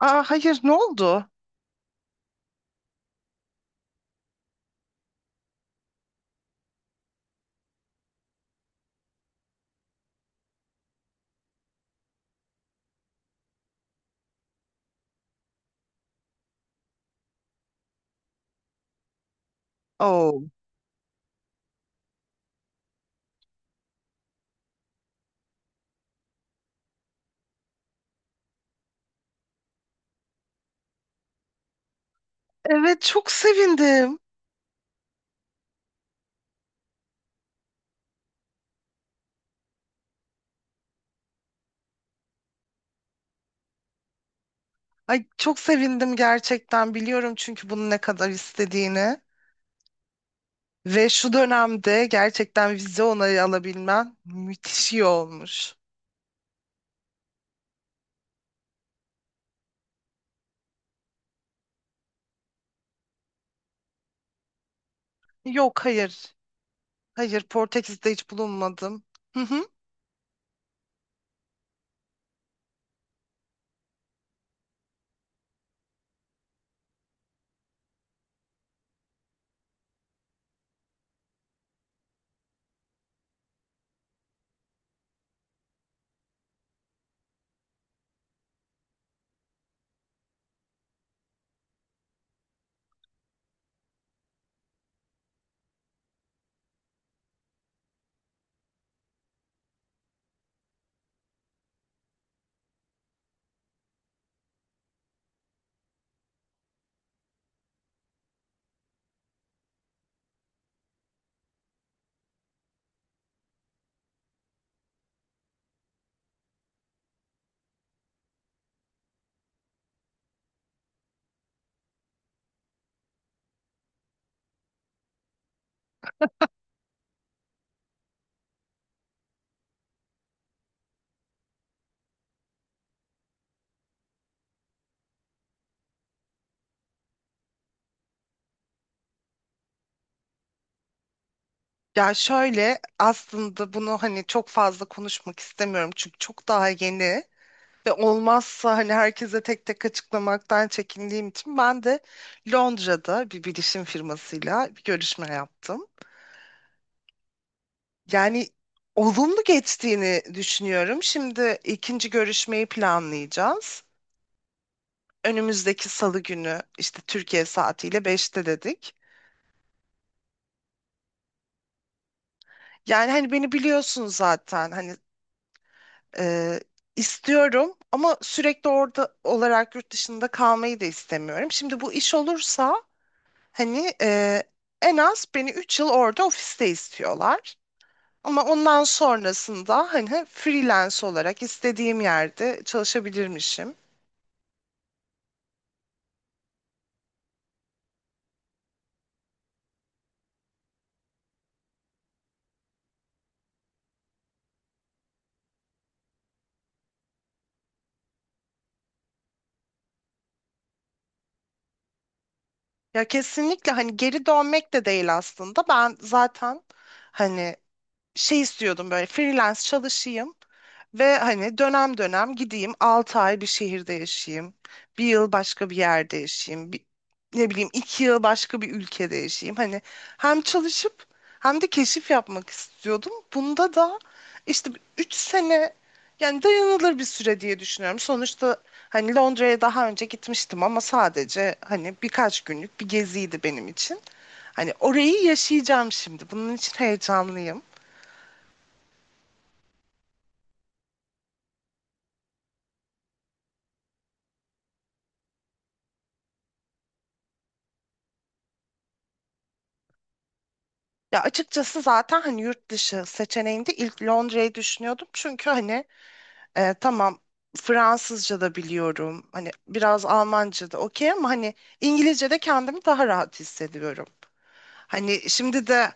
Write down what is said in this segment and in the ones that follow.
Aa, hayır, ne oldu? Oh. Evet, çok sevindim. Ay, çok sevindim gerçekten, biliyorum çünkü bunu ne kadar istediğini. Ve şu dönemde gerçekten vize onayı alabilmen müthiş iyi olmuş. Yok, hayır. Hayır, Portekiz'de hiç bulunmadım. Hı hı. Ya şöyle, aslında bunu hani çok fazla konuşmak istemiyorum çünkü çok daha yeni. Ve olmazsa hani herkese tek tek açıklamaktan çekindiğim için ben de Londra'da bir bilişim firmasıyla bir görüşme yaptım. Yani olumlu geçtiğini düşünüyorum. Şimdi ikinci görüşmeyi planlayacağız. Önümüzdeki salı günü işte Türkiye saatiyle beşte dedik. Yani hani beni biliyorsun zaten, hani, e, istiyorum ama sürekli orada olarak yurt dışında kalmayı da istemiyorum. Şimdi bu iş olursa, hani, en az beni 3 yıl orada ofiste istiyorlar. Ama ondan sonrasında hani freelance olarak istediğim yerde çalışabilirmişim. Ya kesinlikle, hani, geri dönmek de değil aslında. Ben zaten hani şey istiyordum, böyle freelance çalışayım ve hani dönem dönem gideyim, 6 ay bir şehirde yaşayayım. Bir yıl başka bir yerde yaşayayım. Ne bileyim, 2 yıl başka bir ülkede yaşayayım. Hani hem çalışıp hem de keşif yapmak istiyordum. Bunda da işte 3 sene, yani, dayanılır bir süre diye düşünüyorum. Sonuçta hani Londra'ya daha önce gitmiştim ama sadece hani birkaç günlük bir geziydi benim için. Hani orayı yaşayacağım şimdi. Bunun için heyecanlıyım. Ya açıkçası zaten hani yurt dışı seçeneğinde ilk Londra'yı düşünüyordum. Çünkü hani, tamam, Fransızca da biliyorum. Hani biraz Almanca da okey ama hani İngilizce de kendimi daha rahat hissediyorum. Hani şimdi de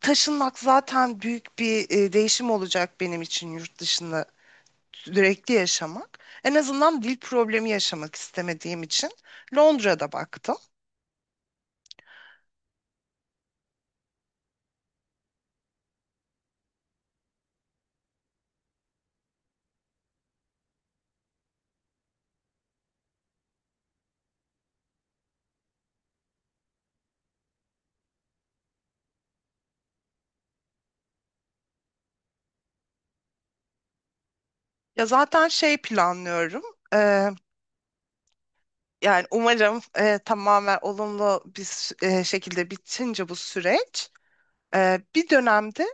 taşınmak zaten büyük bir, değişim olacak benim için, yurt dışında sürekli yaşamak. En azından dil problemi yaşamak istemediğim için Londra'da baktım. Ya zaten şey planlıyorum. Eee, Yani umarım tamamen olumlu bir şekilde bitince bu süreç, bir dönemde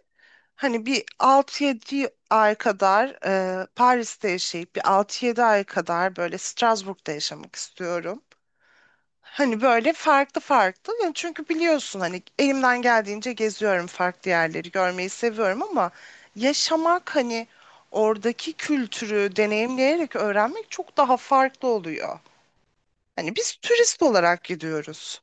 hani bir 6 yedi ay kadar, Paris'te yaşayıp bir 6 yedi ay kadar böyle Strasbourg'da yaşamak istiyorum. Hani böyle farklı farklı. Yani çünkü biliyorsun hani elimden geldiğince geziyorum, farklı yerleri görmeyi seviyorum ama yaşamak, hani oradaki kültürü deneyimleyerek öğrenmek çok daha farklı oluyor. Hani biz turist olarak gidiyoruz.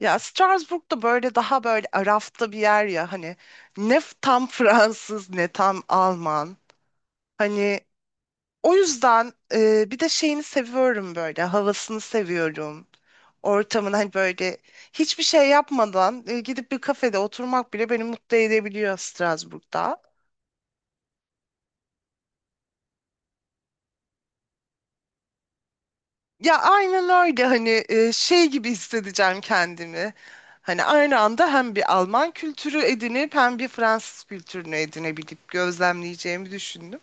Ya Strasbourg da böyle daha böyle arafta bir yer ya, hani, ne tam Fransız ne tam Alman. Hani, o yüzden, bir de şeyini seviyorum, böyle havasını seviyorum. Ortamın, hani, böyle hiçbir şey yapmadan, gidip bir kafede oturmak bile beni mutlu edebiliyor Strasbourg'da. Ya aynen öyle, hani, şey gibi hissedeceğim kendimi. Hani aynı anda hem bir Alman kültürü edinip hem bir Fransız kültürünü edinebilip gözlemleyeceğimi düşündüm.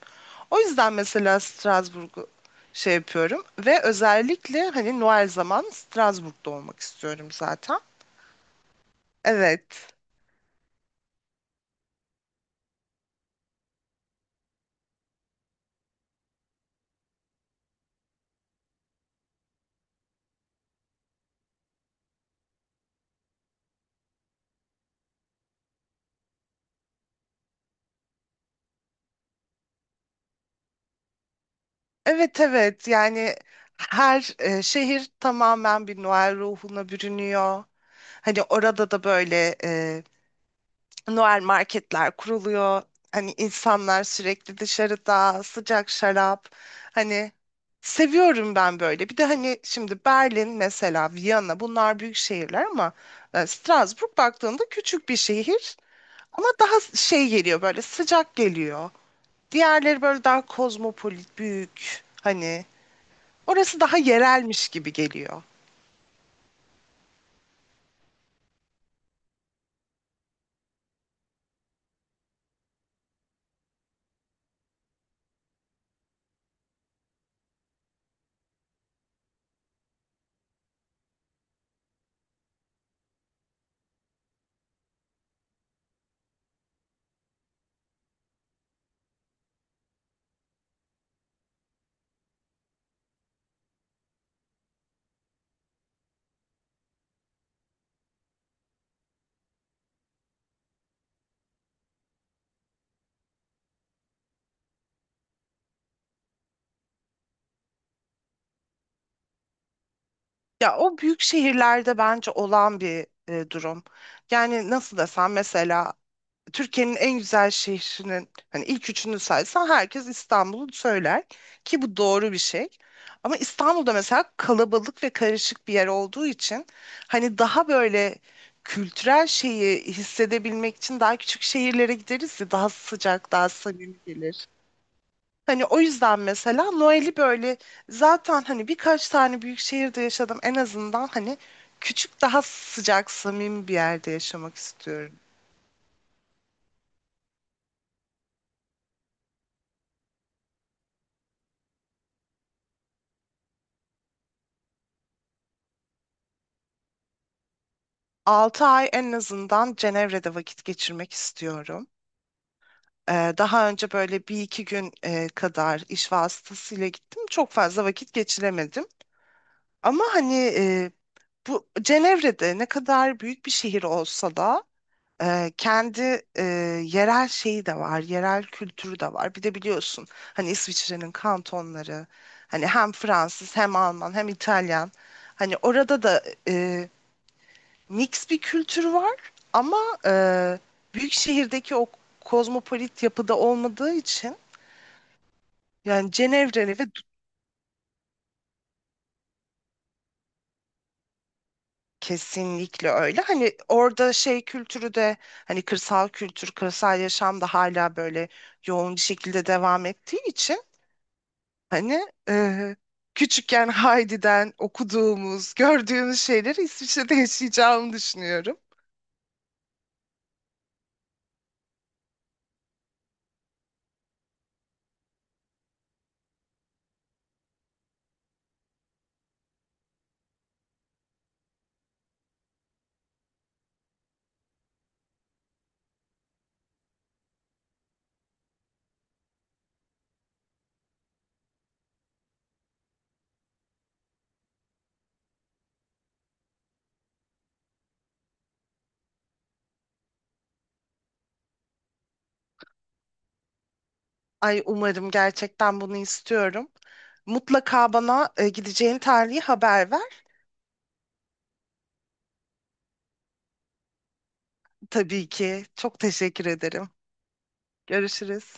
O yüzden mesela Strasbourg'u şey yapıyorum ve özellikle hani Noel zaman Strasbourg'da olmak istiyorum zaten. Evet. Evet, evet, yani her, şehir tamamen bir Noel ruhuna bürünüyor. Hani orada da böyle, Noel marketler kuruluyor. Hani insanlar sürekli dışarıda sıcak şarap. Hani, seviyorum ben böyle. Bir de hani şimdi Berlin mesela, Viyana, bunlar büyük şehirler ama, Strasbourg baktığında küçük bir şehir. Ama daha şey geliyor, böyle sıcak geliyor. Diğerleri böyle daha kozmopolit, büyük. Hani orası daha yerelmiş gibi geliyor. Ya o büyük şehirlerde bence olan bir, durum. Yani nasıl desem, mesela Türkiye'nin en güzel şehrinin hani ilk üçünü saysan herkes İstanbul'u söyler, ki bu doğru bir şey. Ama İstanbul'da mesela kalabalık ve karışık bir yer olduğu için hani daha böyle kültürel şeyi hissedebilmek için daha küçük şehirlere gideriz ya, daha sıcak, daha samimi gelir. Hani o yüzden mesela Noel'i böyle, zaten hani birkaç tane büyük şehirde yaşadım, en azından hani küçük, daha sıcak, samimi bir yerde yaşamak istiyorum. 6 ay en azından Cenevre'de vakit geçirmek istiyorum. Daha önce böyle bir iki gün, kadar iş vasıtasıyla gittim. Çok fazla vakit geçiremedim. Ama hani, bu Cenevre'de ne kadar büyük bir şehir olsa da, kendi, yerel şeyi de var, yerel kültürü de var. Bir de biliyorsun hani İsviçre'nin kantonları, hani hem Fransız, hem Alman, hem İtalyan. Hani orada da mix bir kültür var ama, eee, büyük şehirdeki o kozmopolit yapıda olmadığı için, yani Cenevre'li ve kesinlikle öyle. Hani orada şey kültürü de, hani kırsal kültür, kırsal yaşam da hala böyle yoğun bir şekilde devam ettiği için, hani, küçükken Heidi'den okuduğumuz, gördüğümüz şeyleri İsviçre'de yaşayacağımı düşünüyorum. Ay umarım, gerçekten bunu istiyorum. Mutlaka bana, gideceğin tarihi haber ver. Tabii ki. Çok teşekkür ederim. Görüşürüz.